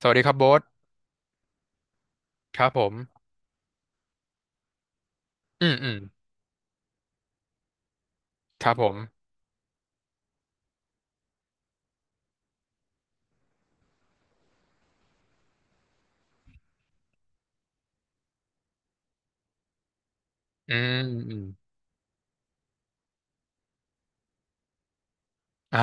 สวัสดีครับโบ๊ทครับผม อืม อืม ครับผม อืม อืม อ่า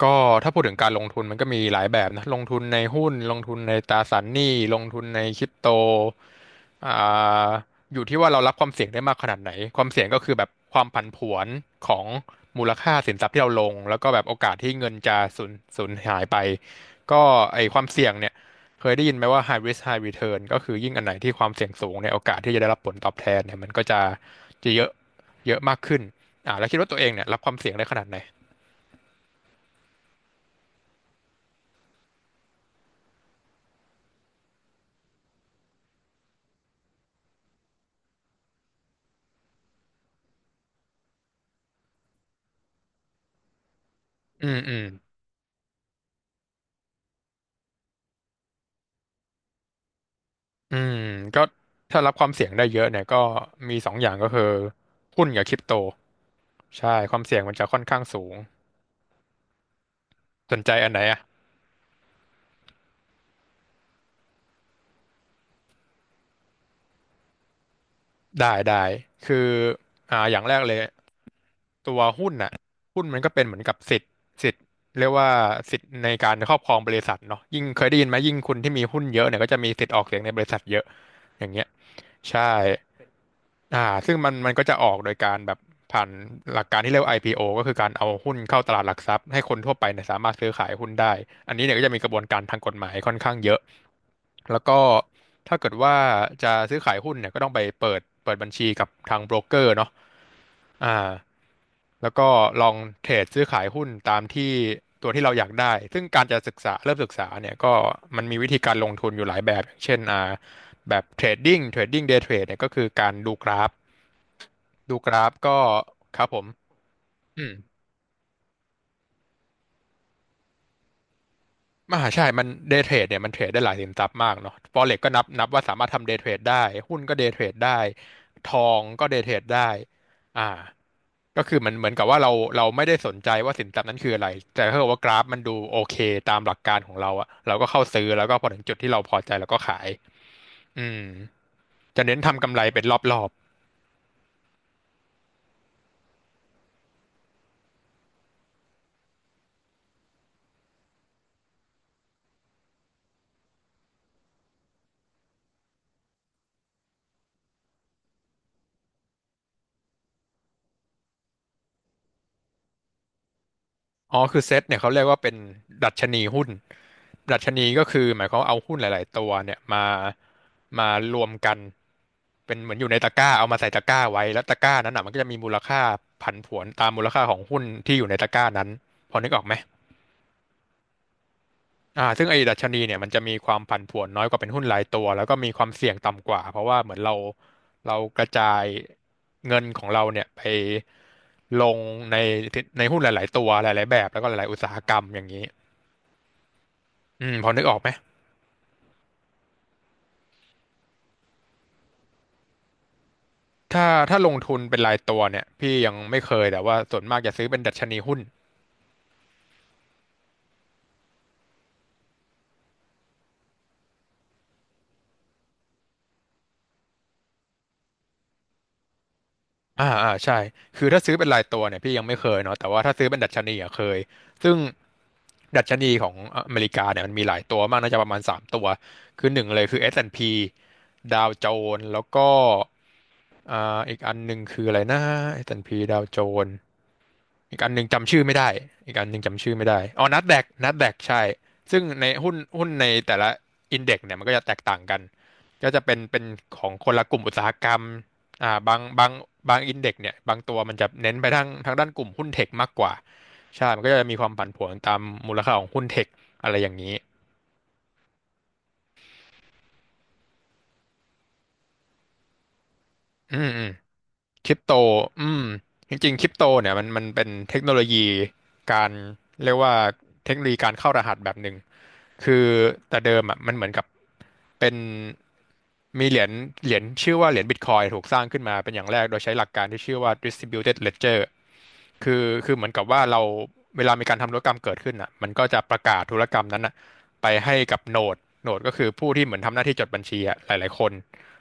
ก็ถ้าพูดถึงการลงทุนมันก็มีหลายแบบนะลงทุนในหุ้นลงทุนในตราสารหนี้ลงทุนในคริปโตอ่าอยู่ที่ว่าเรารับความเสี่ยงได้มากขนาดไหนความเสี่ยงก็คือแบบความผันผวนของมูลค่าสินทรัพย์ที่เราลงแล้วก็แบบโอกาสที่เงินจะสูญหายไปก็ไอความเสี่ยงเนี่ยเคยได้ยินไหมว่า high risk high return ก็คือยิ่งอันไหนที่ความเสี่ยงสูงเนี่ยโอกาสที่จะได้รับผลตอบแทนเนี่ยมันก็จะเยอะเยอะมากขึ้นแล้วคิดว่าตัวเองเนี่ยรับความเสี่ยงได้ขนาดไหนอืมอืม อืมก็ถ้ารับความเสี่ยงได้เยอะเนี่ยก็มีสองอย่างก็คือหุ้นกับคริปโตใช่ความเสี่ยงมันจะค่อนข้างสูงสนใจอันไหนอ่ะได้ได้คืออย่างแรกเลยตัวหุ้นน่ะหุ้นมันก็เป็นเหมือนกับสิทธิ์เรียกว่าสิทธิ์ในการครอบครองบริษัทเนาะยิ่งเคยได้ยินไหมยิ่งคุณที่มีหุ้นเยอะเนี่ยก็จะมีสิทธิ์ออกเสียงในบริษัทเยอะ อย่างเงี้ยใช่ซึ่งมันก็จะออกโดยการแบบผ่านหลักการที่เรียกว่า IPO ก็คือการเอาหุ้นเข้าตลาดหลักทรัพย์ให้คนทั่วไปเนี่ยสามารถซื้อขายหุ้นได้อันนี้เนี่ยก็จะมีกระบวนการทางกฎหมายค่อนข้างเยอะแล้วก็ถ้าเกิดว่าจะซื้อขายหุ้นเนี่ยก็ต้องไปเปิดบัญชีกับทางโบรกเกอร์เนาะอ่า แล้วก็ลองเทรดซื้อขายหุ้นตามที่ตัวที่เราอยากได้ซึ่งการจะศึกษาเริ่มศึกษาเนี่ยก็มันมีวิธีการลงทุนอยู่หลายแบบอย่างเช่นแบบเทรดดิ้งเดย์เทรดเนี่ยก็คือการดูกราฟดูกราฟก็ครับผมอืม ม่าใช่มันเด y t เทรดเนี่ยมันเทรดได้หลายสินทรัพย์มากเนาะ Forex ก็นับว่าสามารถทำเด y t เทรดได้หุ้นก็เด y t เทรดได้ทองก็เด y t เทรดได้อ่าก็คือมันเหมือนกับว่าเราไม่ได้สนใจว่าสินทรัพย์นั้นคืออะไร แต่ถ้าเกิดว่ากราฟมันดูโอเคตามหลักการของเราอะเราก็เข้าซื้อแล้วก็พอถึงจุดที่เราพอใจเราก็ขายอืมจะเน้นทำกำไรเป็นรอบ อ๋อคือเซตเนี่ยเขาเรียกว่าเป็นดัชนีหุ้น ดัชนีก็คือหมายความว่าเอาหุ้นหลายๆตัวเนี่ยมารวมกันเป็นเหมือนอยู่ในตะกร้าเอามาใส่ตะกร้าไว้แล้วตะกร้านั้นอ่ะมันก็จะมีมูลค่าผันผวนตามมูลค่าของหุ้นที่อยู่ในตะกร้านั้น พอนึกออกไหมซึ่งไอ้ดัชนีเนี่ยมันจะมีความผันผวนน้อยกว่าเป็นหุ้นรายตัวแล้วก็มีความเสี่ยงต่ำกว่า เพราะว่าเหมือนเรากระจายเงินของเราเนี่ยไปลงในในหุ้นหลายๆตัวหลายๆแบบแล้วก็หลายๆอุตสาหกรรมอย่างนี้ อืมพอนึกออกไหมถ้าถ้าลงทุนเป็นรายตัวเนี่ยพี่ยังไม่เคยแต่ว่าส่วนมากจะซื้อเป็นดัชนีหุ้น ใช่คือถ้าซื้อเป็นรายตัวเนี่ยพี่ยังไม่เคยเนาะแต่ว่าถ้าซื้อเป็นดัชนีอะเคยซึ่งดัชนีของอเมริกาเนี่ยมันมีหลายตัวมากน่าจะประมาณสามตัวคือหนึ่งเลยคือ S&P ดพีดาวโจนส์แล้วก็อีกอันหนึ่งคืออะไรนะ S&P ดพีดาวโจนส์อีกอันหนึ่งจำชื่อไม่ได้อีกอันหนึ่งจำชื่อไม่ได้อ๋อนัสแดกใช่ซึ่งในหุ้นในแต่ละอินเด็กซ์เนี่ยมันก็จะแตกต่างกันก็จะเป็นของคนละกลุ่มอุตสาหกรรม อ่าบางบางบางอินเด็กซ์เนี่ยบางตัวมันจะเน้นไปทางด้านกลุ่มหุ้นเทคมากกว่าใช่มันก็จะมีความผันผวนตามมูลค่าของหุ้นเทคอะไรอย่างนี้อืมอืมคริปโตอืมจริงๆคริปโตเนี่ยมันเป็นเทคโนโลยีการเรียกว่าเทคโนโลยีการเข้ารหัสแบบหนึ่ง คือแต่เดิมอ่ะมันเหมือนกับเป็นมีเหรียญชื่อว่าเหรียญบิตคอยถูกสร้างขึ้นมาเป็นอย่างแรกโดยใช้หลักการที่ชื่อว่า distributed ledger คือคือเหมือนกับว่าเราเวลามีการทำธุรกรรมเกิดขึ้นอ่ะมันก็จะประกาศธุรกรรมนั้นอ่ะไปให้กับโนดโนดก็คือผู้ที่เหมือนทำหน้าที่จดบัญชีอ่ะหลายๆคน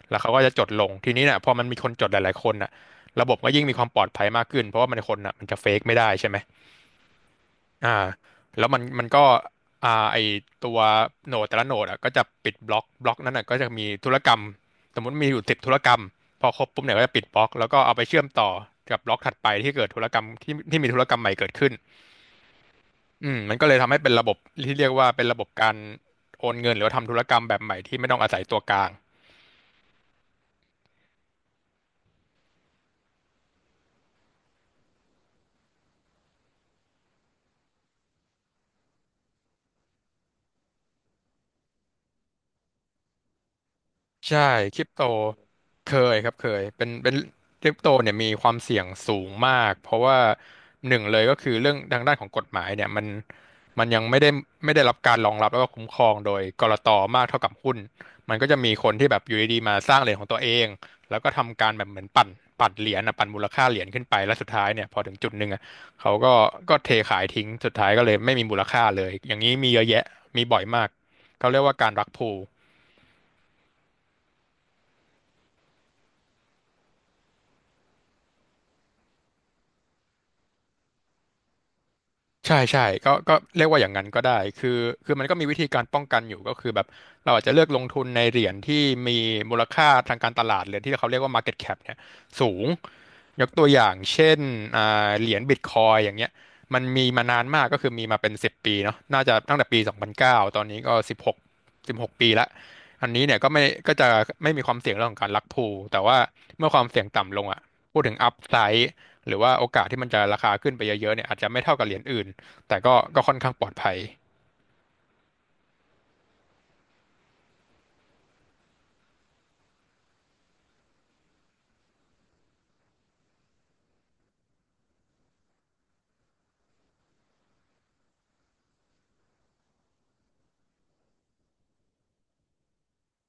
แล้วเขาก็จะจดลงทีนี้เนี่ยพอมันมีคนจดหลายๆคนอ่ะระบบก็ยิ่งมีความปลอดภัยมากขึ้นเพราะว่ามันคนอ่ะมันจะเฟกไม่ได้ใช่ไหม อ่าแล้วมันมันก็อ่าไอตัวโหนดแต่ละโหนดอ่ะก็จะปิดบล็อกนั้นอ่ะก็จะมีธุรกรรมสมมติมีอยู่10 ธุรกรรมพอครบปุ๊บเนี่ยก็จะปิดบล็อกแล้วก็เอาไปเชื่อมต่อกับบล็อกถัดไปที่เกิดธุรกรรมที่มีธุรกรรมใหม่เกิดขึ้นอืมมันก็เลยทำให้เป็นระบบที่เรียกว่าเป็นระบบการโอนเงินหรือว่าทำธุรกรรมแบบใหม่ที่ไม่ต้องอาศัยตัวกลาง ใช่คริปโตเคยครับเคยเป็นคริปโตเนี่ยมีความเสี่ยงสูงมากเพราะว่าหนึ่งเลยก็คือเรื่องทางด้านของกฎหมายเนี่ยมันมันยังไม่ได้รับการรองรับแล้วก็คุ้มครองโดยกลตมากเท่ากับหุ้นมันก็จะมีคนที่แบบอยู่ดีๆมาสร้างเหรียญของตัวเองแล้วก็ทำการแบบเหมือนปั่นเหรียญนะปั่นมูลค่าเหรียญขึ้นไปแล้วสุดท้ายเนี่ยพอถึงจุดหนึ่งอะเขาก็เทขายทิ้งสุดท้ายก็เลยไม่มีมูลค่าเลยอย่างนี้มีเยอะแยะมีบ่อยมากเขาเรียกว่าการรักพูล ใช่ใช่ก็เรียกว่าอย่างนั้นก็ได้คือมันก็มีวิธีการป้องกันอยู่ก็คือแบบเราอาจจะเลือกลงทุนในเหรียญที่มีมูลค่าทางการตลาดหรือที่เขาเรียกว่า market cap เนี่ยสูงยกตัวอย่างเช่นอ่เหรียญบิตคอยอย่างเงี้ยมันมีมานานมากก็คือมีมาเป็น10 ปีเนาะน่าจะตั้งแต่ปี2009ตอนนี้ก็สิบหก16 ปีละอันนี้เนี่ยก็จะไม่มีความเสี่ยงเรื่องของการลักพูแต่ว่าเมื่อความเสี่ยงต่ำลงอ่ะพูดถึงอัพไซหรือว่าโอกาสที่มันจะราคาขึ้นไปเยอะๆเนี่ยอาจจะไม่เท่ากับเหรียญอื่น แต่ก็ค่อนข้างปลอดภัย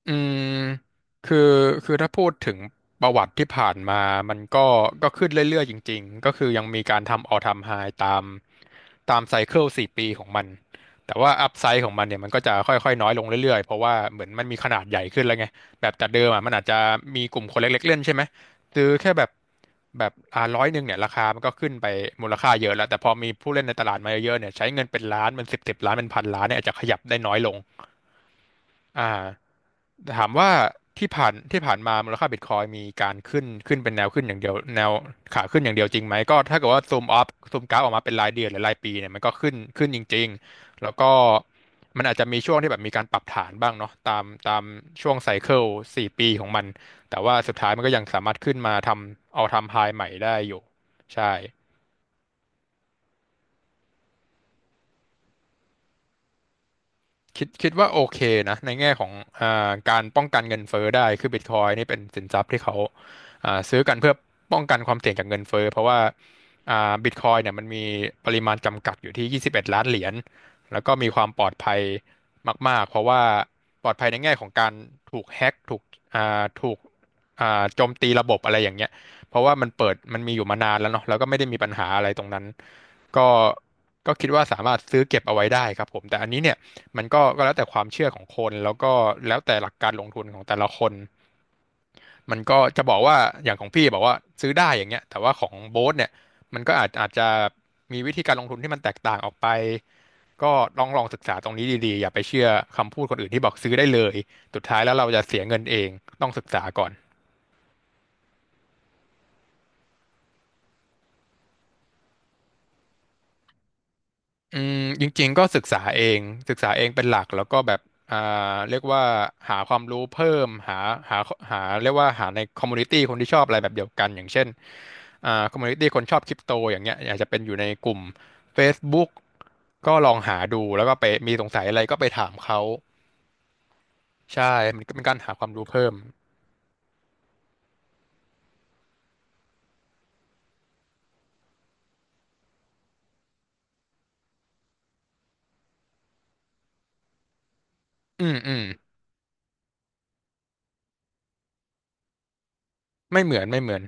อืมคือคือถ้าพูดถึงประวัติที่ผ่านมา มันก็ขึ้นเรื่อยๆจริงๆ ก็คือยังมีการทำออลไทาม์ไฮตามตามไซเคิลสี่ปีของมัน แต่ว่าอัพไซ e ของมันเนี่ยมันก็จะค่อยๆน้อยลงเรื่อยๆ เพราะว่าเหมือนมันมีขนาดใหญ่ขึ้นแล้วไง แบบแต่เดิมอ่ะมันอาจจะมีกลุ่มคนเล็กๆเล่นใช่ไหมซื้อแค่แบบ100เนี่ยราคามันก็ขึ้นไปมูลค่าเยอะแล้วแต่พอมีผู้เล่นในตลาดมาเยอะๆเนี่ยใช้เงินเป็นล้านเป็นสิบล้านเป็นพันล้านเนี่ยอาจจะขยับได้น้อยลง อ่าถามว่าที่ผ่านมามูลค่าบิตคอยมีการขึ้นเป็นแนวขึ้นอย่างเดียวแนวขาขึ้นอย่างเดียวจริงไหมก็ถ้าเกิดว่าซูมอัพซูมกราฟออกมาเป็นรายเดือนหรือรายปีเนี่ยมันก็ขึ้นจริงๆแล้วก็มันอาจจะมีช่วงที่แบบมีการปรับฐานบ้างเนาะตามช่วงไซเคิลสี่ปีของมันแต่ว่าสุดท้ายมันก็ยังสามารถขึ้นมาทำเอาทำไฮใหม่ได้อยู่ใช่ คิดว่าโอเคนะในแง่ของการป้องกันเงินเฟ้อได้คือบิตคอยนี่เป็นสินทรัพย์ที่เขาซื้อกันเพื่อป้องกันความเสี่ยงจากเงินเฟ้อเพราะว่าบิตคอยเนี่ยมันมีปริมาณจำกัดอยู่ที่21ล้านเหรียญแล้วก็มีความปลอดภัยมากๆเพราะว่าปลอดภัยในแง่ของการถูกแฮ็กถูกโจมตีระบบอะไรอย่างเงี้ยเพราะว่ามันเปิดมันมีอยู่มานานแล้วเนาะแล้วก็ไม่ได้มีปัญหาอะไรตรงนั้นก็ก็คิดว่าสามารถซื้อเก็บเอาไว้ได้ครับผมแต่อันนี้เนี่ย มันก็แล้วแต่ความเชื่อของคนแล้วก็แล้วแต่หลักการลงทุนของแต่ละคนมันก็จะบอกว่าอย่างของพี่บอกว่าซื้อได้อย่างเงี้ยแต่ว่าของโบ๊ทเนี่ยมันก็อาจจะมีวิธีการลงทุนที่มันแตกต่างออกไปก็ลองศึกษาตรงนี้ดีๆอย่าไปเชื่อคำพูดคนอื่นที่บอกซื้อได้เลยสุดท้ายแล้วเราจะเสียเงินเองต้องศึกษาก่อน อืมจริงๆก็ศึกษาเองเป็นหลักแล้วก็แบบอ่าเรียกว่าหาความรู้เพิ่มหาหาหาเรียกว่าหาในคอมมูนิตี้คนที่ชอบอะไรแบบเดียวกันอย่างเช่นคอมมูนิตี้คนชอบคริปโตอย่างเงี้ยอยากจะเป็นอยู่ในกลุ่ม Facebook ก็ลองหาดูแล้วก็ไปมีสงสัยอะไรก็ไปถามเขาใช่มันก็เป็นการหาความรู้เพิ่มอืมอืมไม่เหมือนไม่เหมือน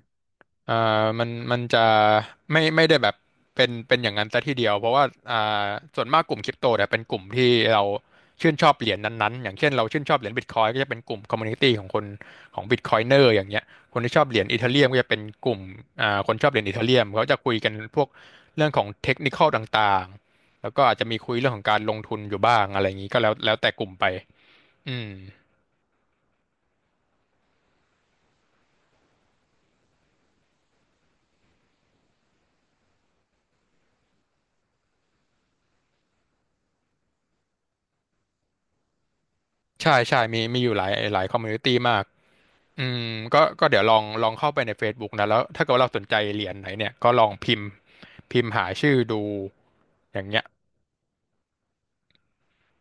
อ่มันจะไม่ได้แบบเป็นอย่างนั้นซะทีเดียวเพราะว่าอ่าส่วนมากกลุ่มคริปโตเนี่ยเป็นกลุ่มที่เราชื่นชอบเหรียญนั้นๆอย่างเช่นเราชื่นชอบเหรียญบิตคอยก็จะเป็นกลุ่มคอมมูนิตี้ของคนของบิตคอยเนอร์อย่างเงี้ยคนที่ชอบเหรียญอีเธเรียมก็จะเป็นกลุ่มคนชอบเหรียญอีเธเรียมเขาจะคุยกันพวกเรื่องของเทคนิคอลต่างๆแล้วก็อาจจะมีคุยเรื่องของการลงทุนอยู่บ้างอะไรอย่างนี้ก็แล้วแต่กลุ่มไปอืมใช่ใช่มีอยู่หลายคอมมูนิตี้มาก อืมก็เดี๋ยวลองเข้าไปใน Facebook นะแล้วถ้าเกิดว่าเราสนใจเหรียญไหนเนี่ยก็ลองพิมพ์หาชื่อดูอย่างเงี้ย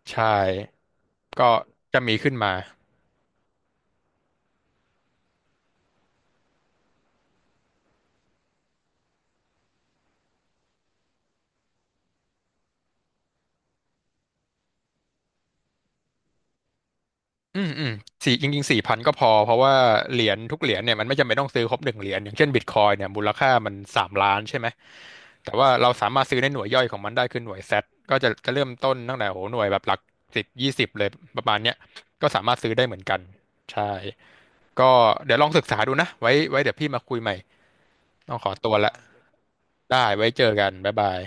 ใช่ก็จะมีขึ้นมาอืมอืมจริงๆ4,000ก็พอเพราะว่าเหรียญทุกเหรียญเนี่ยมันไม่จำเป็นต้องซื้อครบหนึ่งเหรียญอย่างเช่นบิตคอยเนี่ยมูลค่ามัน3 ล้านใช่ไหมแต่ว่าเราสามารถซื้อในหน่วยย่อยของมันได้คือหน่วยแซทก็จะเริ่มต้นตั้งแต่โหหน่วยแบบหลักสิบ20เลยประมาณเนี้ยก็สามารถซื้อได้เหมือนกันใช่ ก็เดี๋ยวลองศึกษาดูนะไว้เดี๋ยวพี่มาคุยใหม่ต้องขอตัวละได้ไว้เจอกันบ๊ายบาย